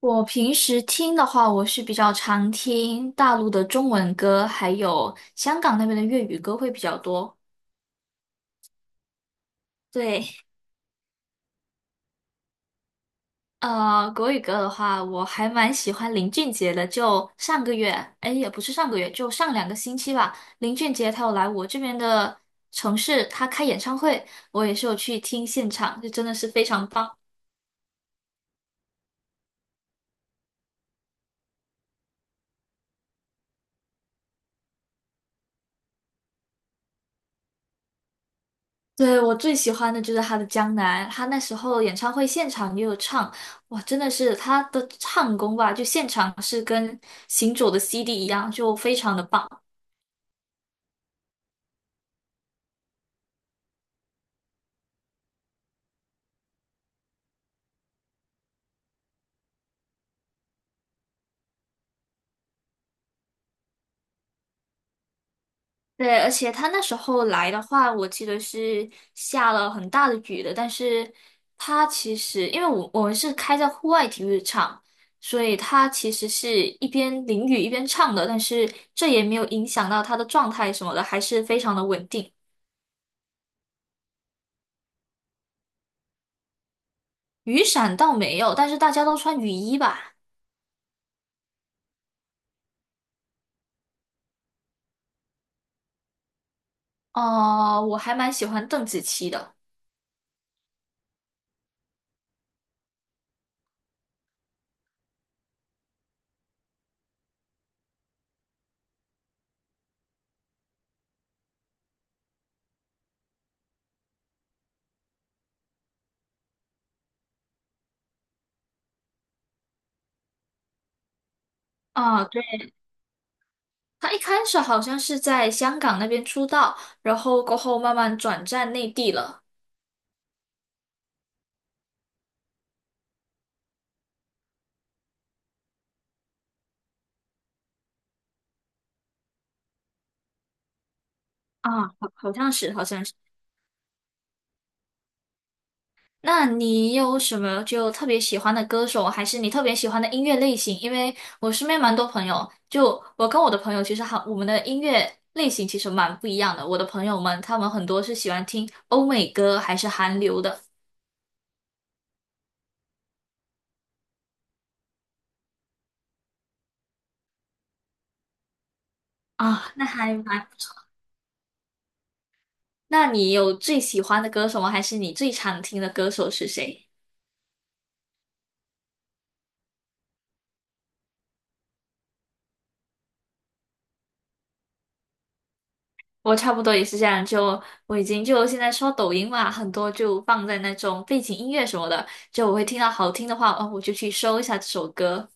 我平时听的话，我是比较常听大陆的中文歌，还有香港那边的粤语歌会比较多。对，国语歌的话，我还蛮喜欢林俊杰的。就上个月，哎，也不是上个月，就上两个星期吧，林俊杰他有来我这边的城市，他开演唱会，我也是有去听现场，就真的是非常棒。对，我最喜欢的就是他的《江南》，他那时候演唱会现场也有唱，哇，真的是他的唱功吧，就现场是跟行走的 CD 一样，就非常的棒。对，而且他那时候来的话，我记得是下了很大的雨的，但是他其实因为我们是开在户外体育场，所以他其实是一边淋雨一边唱的，但是这也没有影响到他的状态什么的，还是非常的稳定。雨伞倒没有，但是大家都穿雨衣吧？哦、我还蛮喜欢邓紫棋的。啊，对，她一开始好像是在香港那边出道，然后过后慢慢转战内地了。啊，好，好像是，好像是。那你有什么就特别喜欢的歌手，还是你特别喜欢的音乐类型？因为我身边蛮多朋友，就我跟我的朋友，其实好，我们的音乐类型其实蛮不一样的。我的朋友们，他们很多是喜欢听欧美歌还是韩流的啊，那还蛮。那你有最喜欢的歌手吗？还是你最常听的歌手是谁？我差不多也是这样，就我已经就现在刷抖音嘛，很多就放在那种背景音乐什么的，就我会听到好听的话，哦，我就去搜一下这首歌。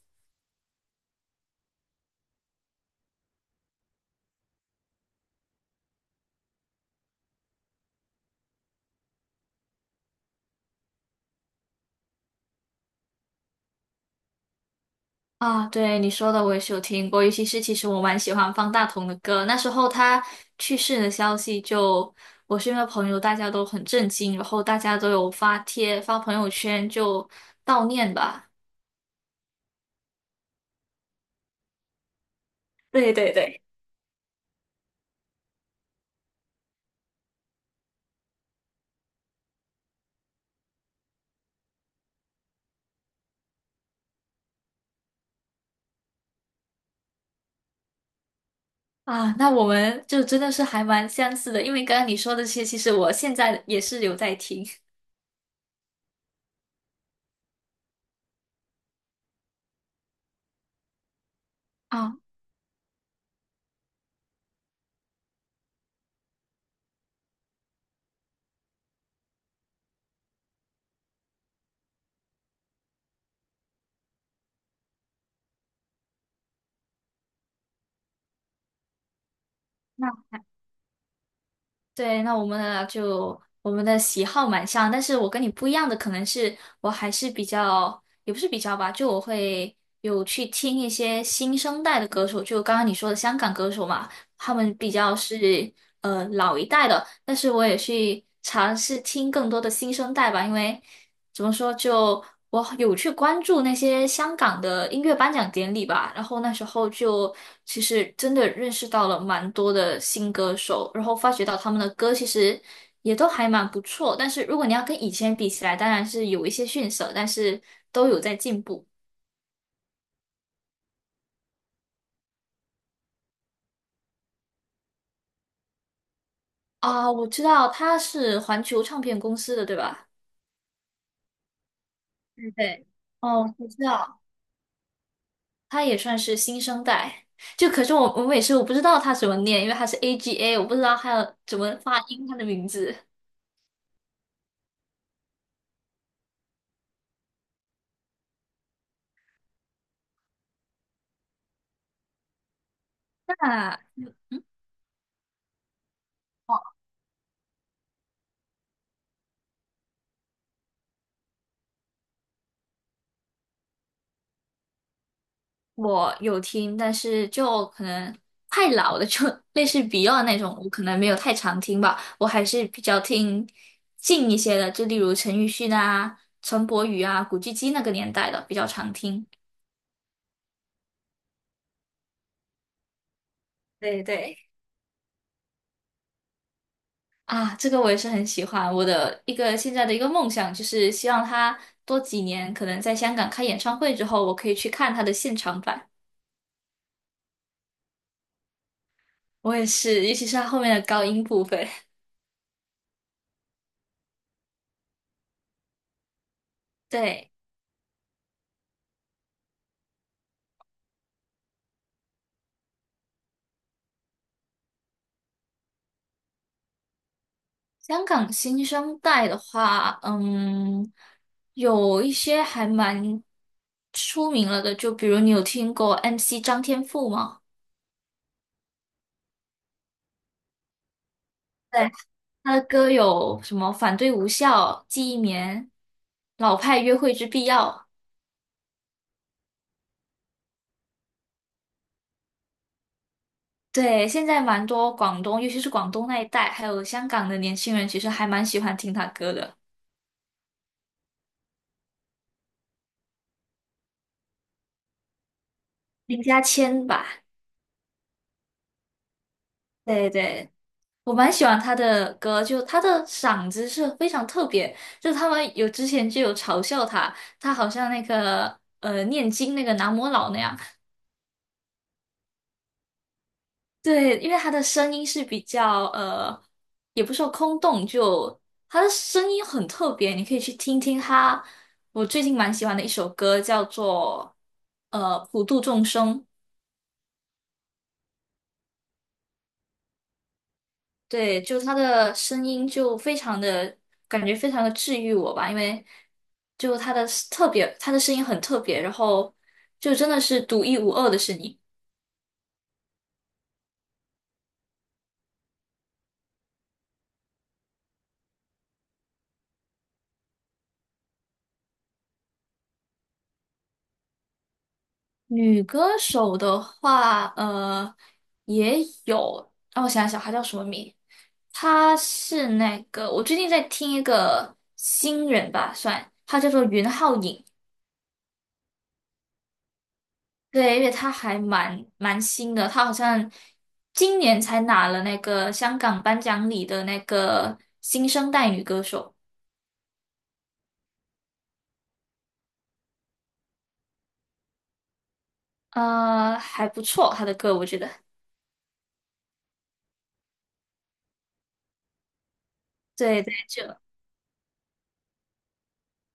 啊，对你说的我也是有听过，尤其是其实我蛮喜欢方大同的歌，那时候他去世的消息就我身边的朋友大家都很震惊，然后大家都有发帖发朋友圈就悼念吧。对对对。啊，那我们就真的是还蛮相似的，因为刚刚你说的这些，其实我现在也是有在听。啊，那对，那我们呢就我们的喜好蛮像，但是我跟你不一样的可能是我还是比较，也不是比较吧，就我会有去听一些新生代的歌手，就刚刚你说的香港歌手嘛，他们比较是老一代的，但是我也去尝试听更多的新生代吧，因为。怎么说？就我有去关注那些香港的音乐颁奖典礼吧，然后那时候就其实真的认识到了蛮多的新歌手，然后发觉到他们的歌其实也都还蛮不错，但是如果你要跟以前比起来，当然是有一些逊色，但是都有在进步啊。我知道他是环球唱片公司的，对吧？对对。哦，我知道。他也算是新生代。就可是我每次我不知道他怎么念，因为他是 AGA，我不知道他要怎么发音他的名字。那我有听，但是就可能太老了，就类似 Beyond 那种，我可能没有太常听吧。我还是比较听近一些的，就例如陈奕迅啊、陈柏宇啊、古巨基那个年代的比较常听。对对。啊，这个我也是很喜欢。我的一个现在的一个梦想就是希望他多几年，可能在香港开演唱会之后，我可以去看他的现场版。我也是，尤其是他后面的高音部分。对，香港新生代的话，嗯，有一些还蛮出名了的，就比如你有听过 MC 张天赋吗？对，他的歌有什么《反对无效》《记忆棉》《老派约会之必要》。对，现在蛮多广东，尤其是广东那一带，还有香港的年轻人，其实还蛮喜欢听他歌的。林家谦吧，对对，我蛮喜欢他的歌，就他的嗓子是非常特别，就他们有之前就有嘲笑他，他好像那个念经那个南无老那样，对，因为他的声音是比较也不是说空洞，就他的声音很特别，你可以去听听他。我最近蛮喜欢的一首歌叫做呃《普度众生》，对，就他的声音就非常的感觉非常的治愈我吧，因为就他的特别，他的声音很特别，然后就真的是独一无二的是你。女歌手的话，呃，也有，让我想一想，她叫什么名？她是那个，我最近在听一个新人吧，算，她叫做云浩颖，对，因为她还蛮新的，她好像今年才拿了那个香港颁奖礼的那个新生代女歌手，呃，还不错，她的歌我觉得，对对，就。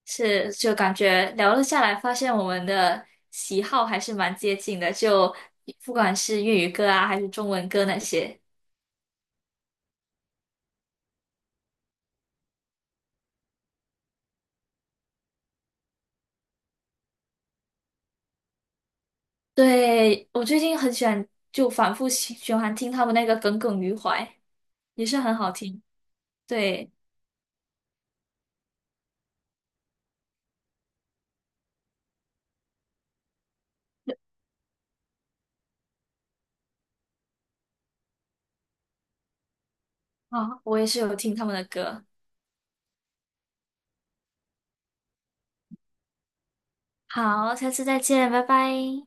是，就感觉聊了下来，发现我们的喜好还是蛮接近的，就不管是粤语歌啊，还是中文歌那些。对，我最近很喜欢，就反复喜循环听他们那个《耿耿于怀》，也是很好听。对，啊，我也是有听他们的歌。好，下次再见，拜拜。